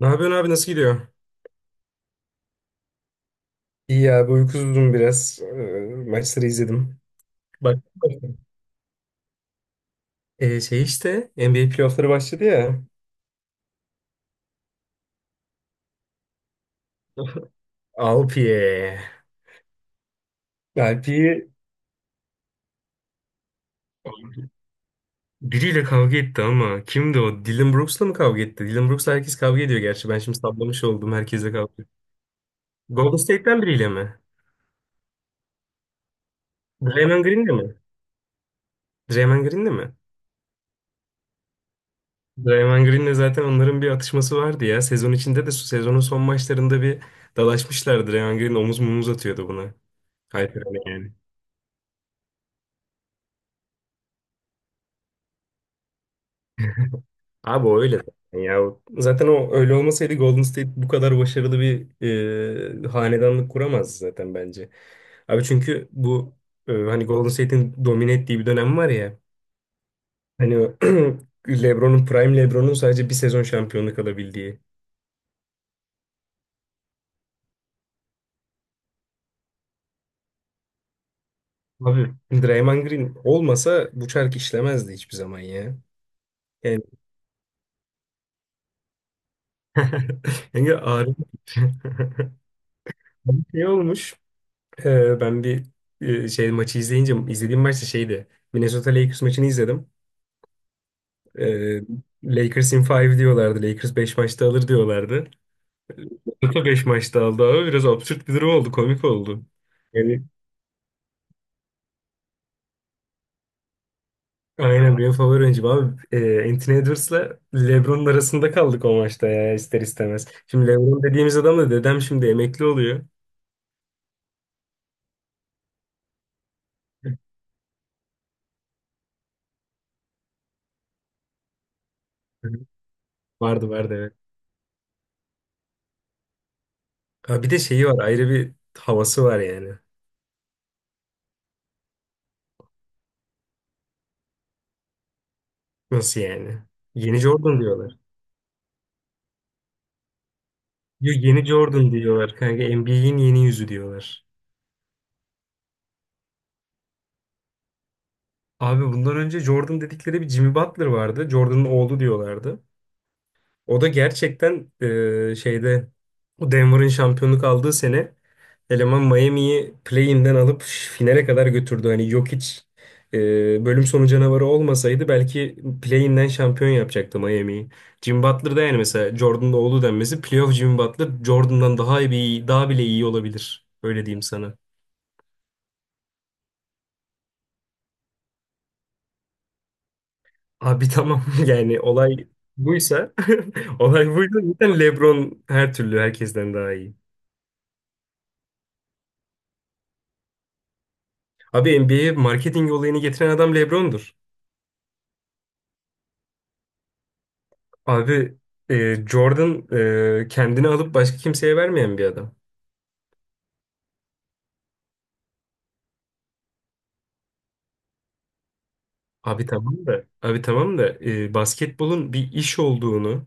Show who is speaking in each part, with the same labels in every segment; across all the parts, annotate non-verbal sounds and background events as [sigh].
Speaker 1: Ne yapıyorsun abi, nasıl gidiyor? İyi abi, uykusuzdum biraz. Maçları izledim. Bak. Şey işte NBA playoffları başladı ya. [laughs] Alpiye. Alpi'yi. Biriyle kavga etti ama kimdi o? Dylan Brooks'la mı kavga etti? Dylan Brooks'la herkes kavga ediyor gerçi. Ben şimdi sallamış oldum. Herkesle kavga ediyor. Golden State'ten biriyle mi? Draymond Green'le mi? Draymond Green'le mi? Draymond Green'le zaten onların bir atışması vardı ya. Sezon içinde de, sezonun son maçlarında bir dalaşmışlardı. Draymond Green omuz mumuz atıyordu buna. Hayır, öyle yani. Abi o öyle zaten ya. Zaten o öyle olmasaydı Golden State bu kadar başarılı bir hanedanlık kuramazdı zaten bence. Abi çünkü bu hani Golden State'in domine ettiği bir dönem var ya. Hani o [clears throat] LeBron'un, Prime LeBron'un sadece bir sezon şampiyonluk alabildiği. Abi Draymond Green olmasa bu çark işlemezdi hiçbir zaman ya. Yani, [laughs] yani ağrı [laughs] şey olmuş. Ben bir şey maçı izleyince izlediğim maç da şeydi. Minnesota Lakers maçını izledim. Ee, Lakers in 5 diyorlardı. Lakers 5 maçta alır diyorlardı. Minnesota 5 maçta aldı abi. Biraz absürt bir durum oldu. Komik oldu. Yani aynen benim favori oyuncum abi. Anthony Edwards'la LeBron'un arasında kaldık o maçta ya ister istemez. Şimdi LeBron dediğimiz adam da dedem, şimdi emekli oluyor. Hı. Vardı vardı, evet. Ha, bir de şeyi var, ayrı bir havası var yani. Nasıl yani? Yeni Jordan diyorlar. Yo, yeni Jordan diyorlar kanka. NBA'in yeni yüzü diyorlar. Abi bundan önce Jordan dedikleri bir Jimmy Butler vardı. Jordan'ın oğlu diyorlardı. O da gerçekten şeyde, o Denver'ın şampiyonluk aldığı sene eleman Miami'yi play-in'den alıp finale kadar götürdü. Hani Jokic bölüm sonu canavarı olmasaydı belki play-in'den şampiyon yapacaktı Miami'yi. Jimmy Butler da yani mesela Jordan'ın oğlu denmesi, playoff Jimmy Butler Jordan'dan daha iyi, daha bile iyi olabilir. Öyle diyeyim sana. Abi tamam, [laughs] yani olay buysa [laughs] olay buysa zaten LeBron her türlü herkesten daha iyi. Abi NBA'ye marketing olayını getiren adam LeBron'dur. Abi Jordan kendini alıp başka kimseye vermeyen bir adam. Abi tamam da basketbolun bir iş olduğunu.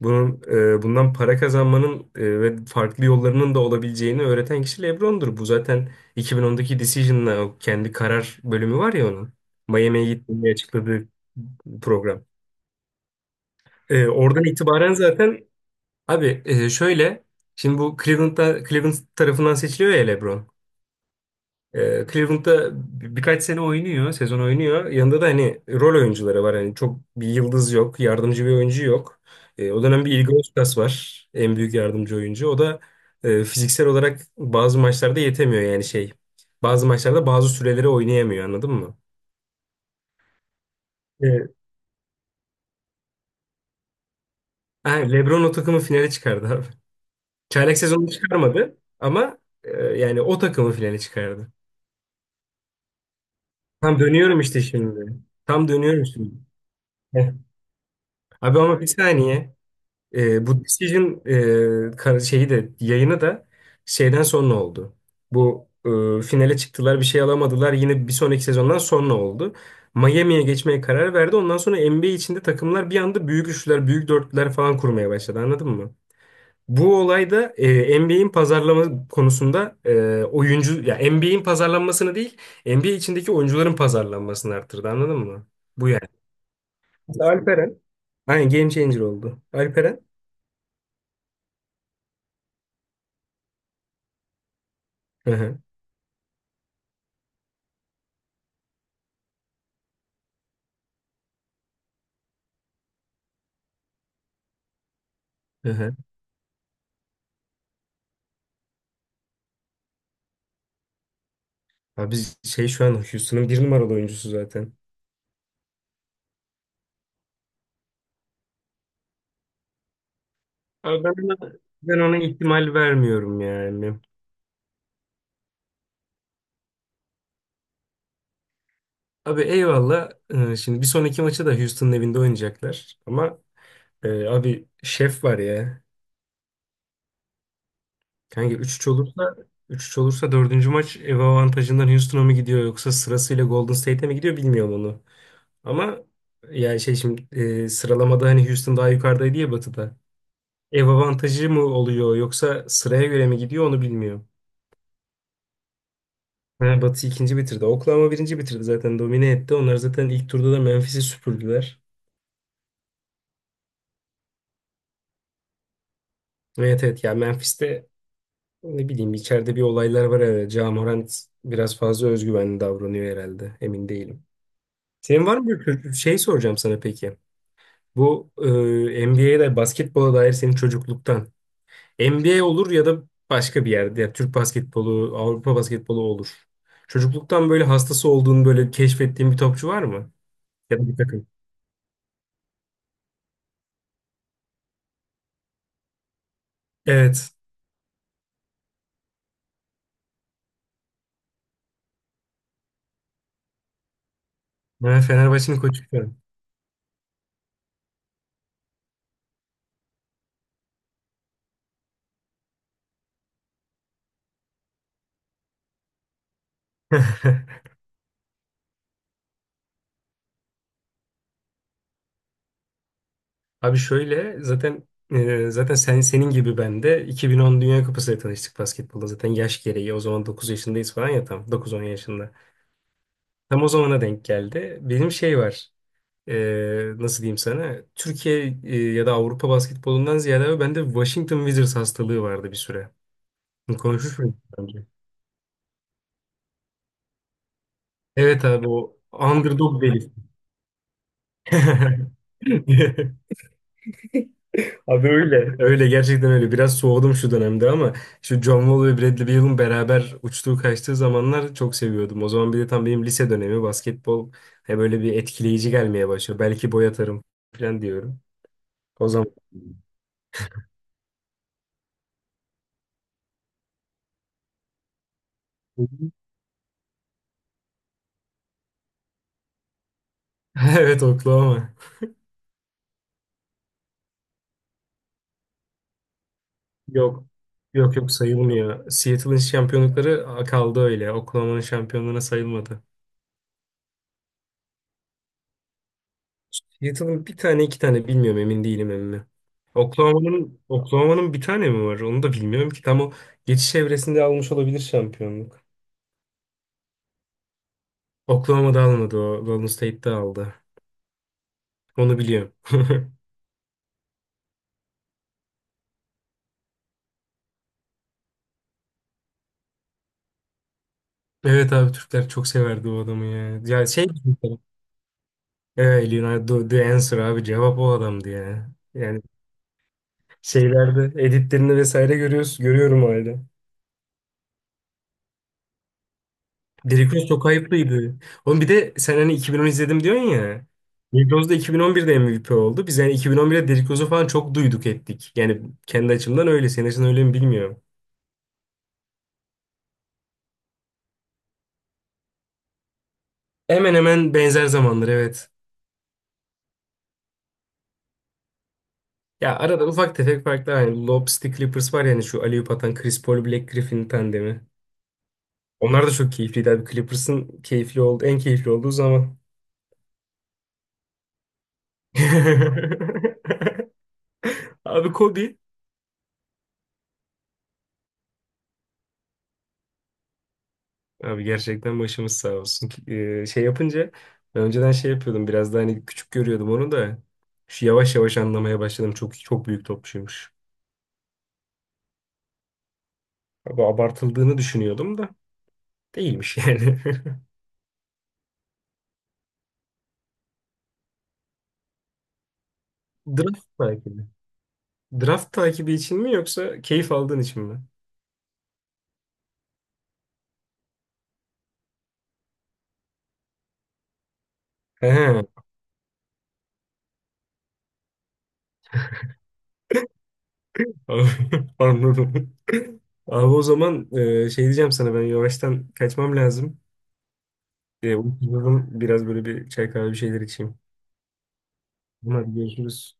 Speaker 1: Bunun bundan para kazanmanın ve farklı yollarının da olabileceğini öğreten kişi LeBron'dur. Bu zaten 2010'daki Decision'la, o kendi karar bölümü var ya onun. Miami'ye gittiğini açıkladığı program. Oradan itibaren zaten abi şöyle, şimdi bu Cleveland'da, Cleveland tarafından seçiliyor ya LeBron. Cleveland'da birkaç sene oynuyor, sezon oynuyor. Yanında da hani rol oyuncuları var. Hani çok bir yıldız yok, yardımcı bir oyuncu yok. O dönem bir Igor Lucas var, en büyük yardımcı oyuncu. O da fiziksel olarak bazı maçlarda yetemiyor yani şey. Bazı maçlarda bazı süreleri oynayamıyor, anladın mı? Evet. Ha, LeBron o takımı finale çıkardı abi. Çaylak sezonu çıkarmadı ama yani o takımı finale çıkardı. Tam dönüyorum işte şimdi. Tam dönüyorum şimdi. Heh. Abi ama bir saniye. Bu Decision şeyi de yayını da şeyden sonra oldu. Bu finale çıktılar, bir şey alamadılar. Yine bir sonraki sezondan sonra oldu. Miami'ye geçmeye karar verdi. Ondan sonra NBA içinde takımlar bir anda büyük üçlüler, büyük dörtlüler falan kurmaya başladı. Anladın mı? Bu olay da NBA'in pazarlama konusunda oyuncu ya NBA'in pazarlanmasını değil, NBA içindeki oyuncuların pazarlanmasını arttırdı. Anladın mı? Bu yani. Mesela Alperen. Aynen game changer oldu. Alperen. Hı hı. Hı hı. Abi biz şey şu an Houston'ın bir numaralı oyuncusu zaten. Abi ben ona ihtimal vermiyorum yani. Abi eyvallah. Şimdi bir sonraki maçı da Houston'ın evinde oynayacaklar. Ama abi şef var ya. Kanka üç üç olursa dördüncü maç ev avantajından Houston'a mı gidiyor, yoksa sırasıyla Golden State'e mi gidiyor bilmiyorum onu. Ama yani şey şimdi sıralamada hani Houston daha yukarıdaydı ya batıda. Ev avantajı mı oluyor, yoksa sıraya göre mi gidiyor onu bilmiyorum. Ha, Batı ikinci bitirdi. Oklahoma birinci bitirdi zaten. Domine etti. Onlar zaten ilk turda da Memphis'i süpürdüler. Evet evet. Ya Memphis'te ne bileyim içeride bir olaylar var herhalde. Ja Morant biraz fazla özgüvenli davranıyor herhalde. Emin değilim. Senin var mı bir şey soracağım sana peki. Bu NBA'de basketbola dair senin çocukluktan. NBA olur ya da başka bir yerde. Ya Türk basketbolu, Avrupa basketbolu olur. Çocukluktan böyle hastası olduğunu böyle keşfettiğin bir topçu var mı? Ya da bir takım. Evet. Ben Fenerbahçe'nin koçuyum. [laughs] Abi şöyle zaten zaten sen senin gibi ben de 2010 Dünya Kupası'yla tanıştık basketbolda. Zaten yaş gereği o zaman 9 yaşındayız falan ya, tam 9-10 yaşında. Tam o zamana denk geldi. Benim şey var. Nasıl diyeyim sana? Türkiye ya da Avrupa basketbolundan ziyade abi bende Washington Wizards hastalığı vardı bir süre. Konuşmuş muyduk bence? Evet abi, o underdog deli. [laughs] Abi öyle. Öyle gerçekten öyle. Biraz soğudum şu dönemde ama şu John Wall ve Bradley Beal'ın beraber uçtuğu kaçtığı zamanlar çok seviyordum. O zaman bir de tam benim lise dönemi basketbol he böyle bir etkileyici gelmeye başlıyor. Belki boy atarım falan diyorum. O zaman [laughs] evet Oklahoma. Yok. Yok yok, sayılmıyor. Seattle'ın şampiyonlukları kaldı öyle. Oklahoma'nın şampiyonluğuna sayılmadı. Seattle'ın bir tane iki tane bilmiyorum, emin değilim emmi. Oklahoma'nın bir tane mi var? Onu da bilmiyorum ki. Tam o geçiş evresinde almış olabilir şampiyonluk. Oklahoma'da almadı o. Golden State'de aldı. Onu biliyorum. [laughs] Evet abi, Türkler çok severdi o adamı ya. Ya şey evet, Leonardo the Answer abi, cevap o adamdı ya. Yani şeylerde editlerini vesaire görüyoruz, görüyorum hala. Derrick Rose çok ayıplıydı. Oğlum, bir de sen hani 2010 izledim diyorsun ya. Derrick Rose da 2011'de MVP oldu. Biz yani 2011'de Derrick Rose'u falan çok duyduk ettik. Yani kendi açımdan öyle. Senin açın öyle mi bilmiyorum. Hemen hemen benzer zamanlar, evet. Ya arada ufak tefek farklar. Hani Lobster Clippers var, yani şu alley-oop atan Chris Paul Black Griffin tandemi. Onlar da çok keyifliydi abi. Clippers'ın keyifli oldu, en keyifli olduğu zaman. [laughs] Abi Kobe. Abi gerçekten başımız sağ olsun. Şey yapınca ben önceden şey yapıyordum, biraz da hani küçük görüyordum onu da. Şu yavaş yavaş anlamaya başladım. Çok çok büyük topçuymuş. Abi abartıldığını düşünüyordum da değilmiş yani. [laughs] Draft takibi. Draft takibi için mi, yoksa keyif aldığın için mi? He, [laughs] anladım. Abi o zaman şey diyeceğim sana, ben yavaştan kaçmam lazım. Uykuyorum. Biraz böyle bir çay kahve bir şeyler içeyim. Hadi görüşürüz.